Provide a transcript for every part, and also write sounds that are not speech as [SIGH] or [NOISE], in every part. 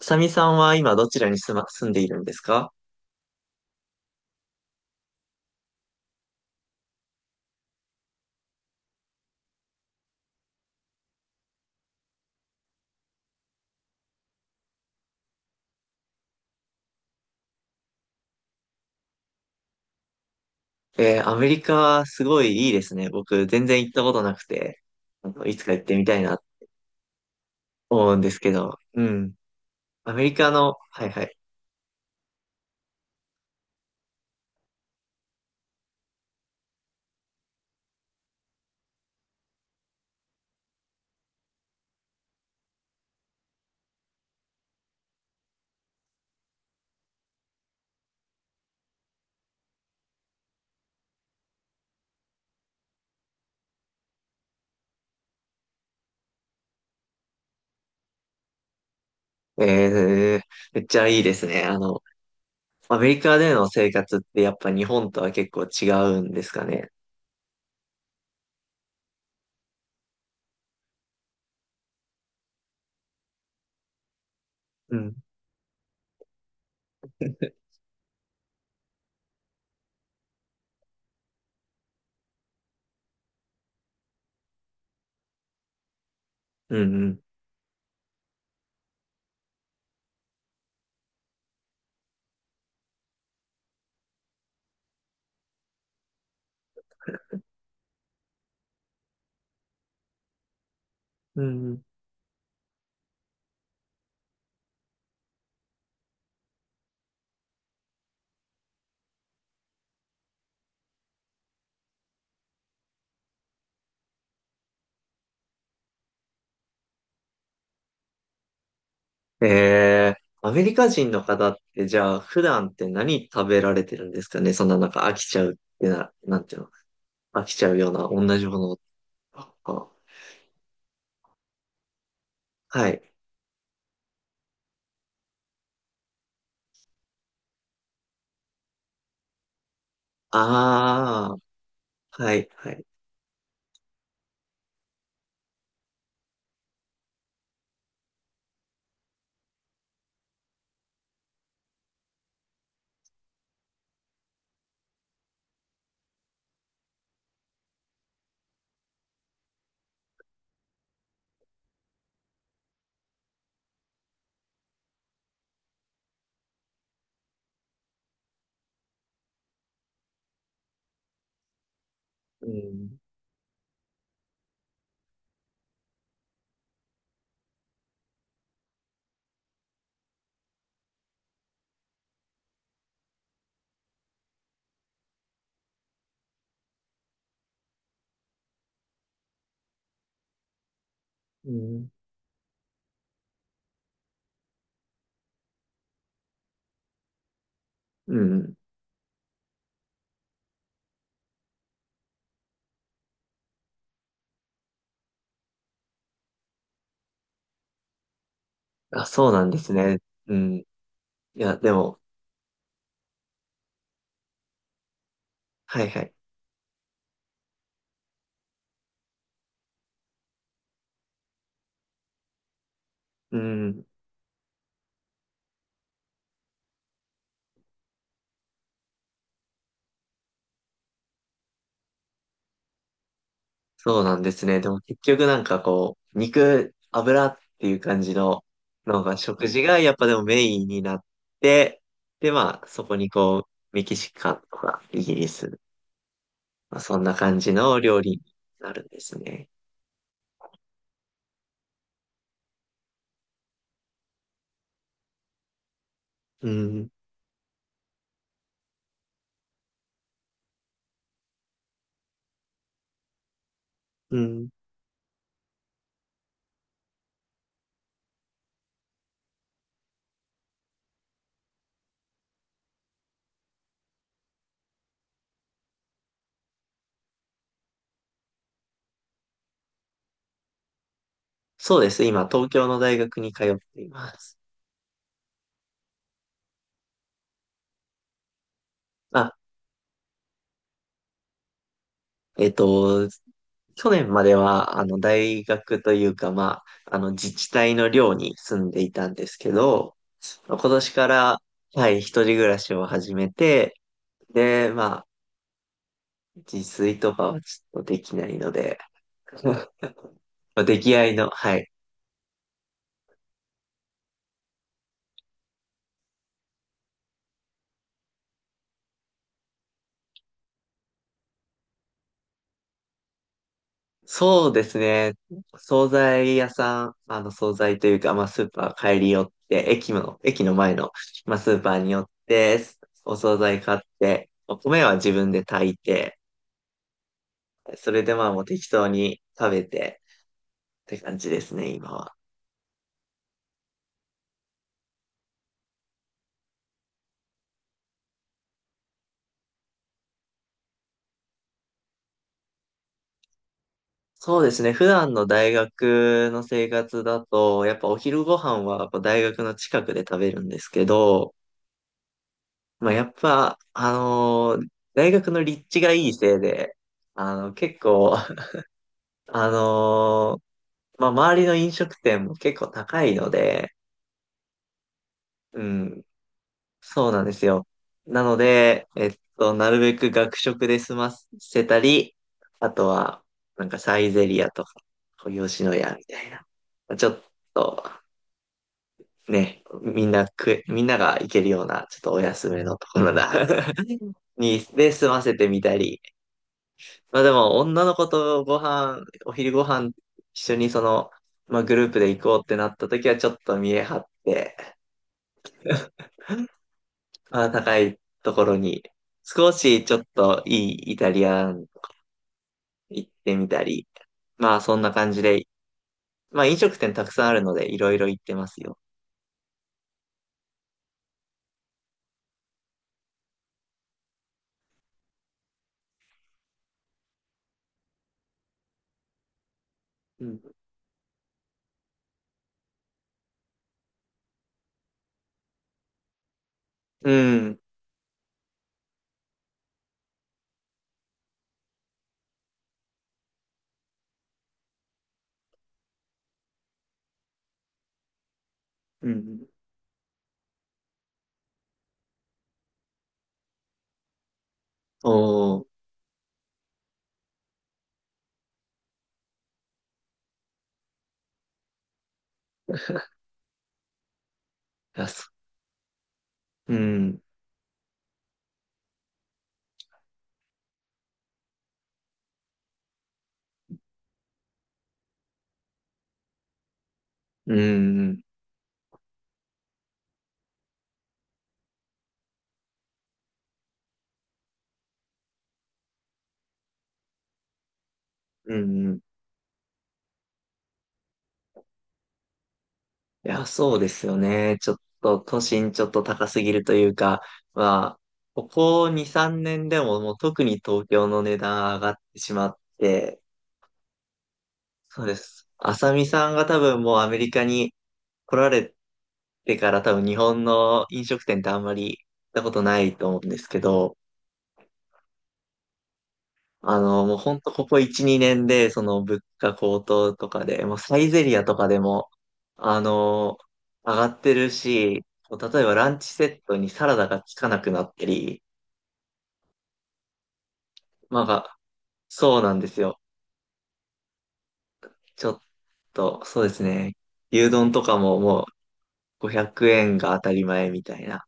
サミさんは今どちらに住んでいるんですか？アメリカはすごいいいですね。僕全然行ったことなくて、いつか行ってみたいなと思うんですけど、うん。アメリカの、はいはい。えー、めっちゃいいですね。アメリカでの生活ってやっぱ日本とは結構違うんですかね？うん、うん、うん。うん。アメリカ人の方ってじゃあ普段って何食べられてるんですかね？そんななんか飽きちゃうってな、んていうの？飽きちゃうような同じものを。ああ、はい。ああ、はい、はい。うん、うん、うん。あ、そうなんですね。うん。いや、でも、はい、はい。うん。そうなんですね。でも結局なんかこう、肉、油っていう感じのが、食事がやっぱでもメインになって、で、まあ、そこにこう、メキシカンとかイギリス、まあ、そんな感じの料理になるんですね。うん、うん。そうです。今、東京の大学に通っています。あ、えっと、去年までは、大学というか、まあ、自治体の寮に住んでいたんですけど、今年から、はい、一人暮らしを始めて、で、まあ、自炊とかはちょっとできないので、[LAUGHS] まあ出来合いの、はい。そうですね。惣菜屋さん、惣菜というか、まあ、スーパー帰り寄って、駅の前の、まあ、スーパーに寄って、お惣菜買って、お米は自分で炊いて、それでまあもう適当に食べてって感じですね、今は。そうですね。普段の大学の生活だと、やっぱお昼ご飯はやっぱ大学の近くで食べるんですけど、まあやっぱ、大学の立地がいいせいで、結構、[LAUGHS] あのーまあ周りの飲食店も結構高いので、うん、そうなんですよ。なので、なるべく学食で済ませたり、あとは、なんかサイゼリアとか、吉野家みたいな。ちょっと、ね、みんなが行けるような、ちょっとお安めのところだ。[LAUGHS] に、で、済ませてみたり。まあでも、女の子とご飯、お昼ご飯、一緒にその、まあグループで行こうってなった時は、ちょっと見え張って、まあ、高いところに、少しちょっといいイタリアン行ってみたり、まあそんな感じで、まあ飲食店たくさんあるのでいろいろ行ってますよ。うん。うん。うん。おー。いや、そうん。うん。うん。うん。いや、そうですよね。ちょっと都心ちょっと高すぎるというか、まあ、ここ2、3年でももう特に東京の値段上がってしまって、そうです。あさみさんが多分もうアメリカに来られてから多分日本の飲食店ってあんまり行ったことないと思うんですけど、もうほんとここ1、2年でその物価高騰とかで、もうサイゼリアとかでも、あの、上がってるし、例えばランチセットにサラダがつかなくなったり、まあ、そうなんですよ。ちょっと、そうですね。牛丼とかももう500円が当たり前みたいな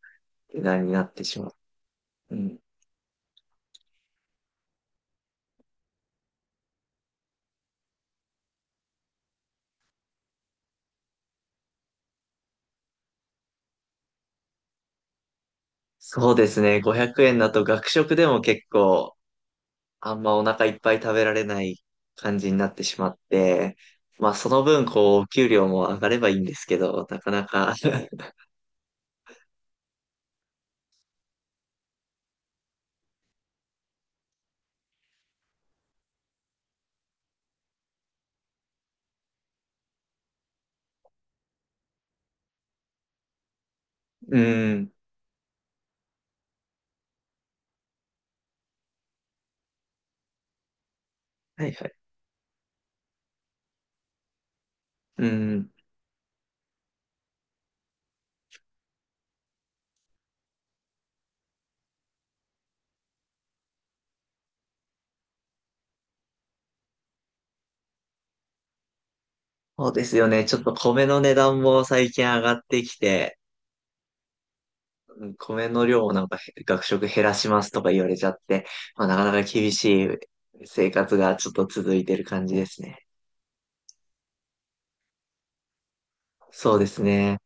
値段になってしまう。うん。そうですね。500円だと学食でも結構あんまお腹いっぱい食べられない感じになってしまって、まあその分こうお給料も上がればいいんですけど、なかなか。 [LAUGHS] うん。はいはい。うん。そうですよね。ちょっと米の値段も最近上がってきて、うん。米の量をなんかへ学食減らしますとか言われちゃって、まあなかなか厳しい生活がちょっと続いてる感じですね。そうですね。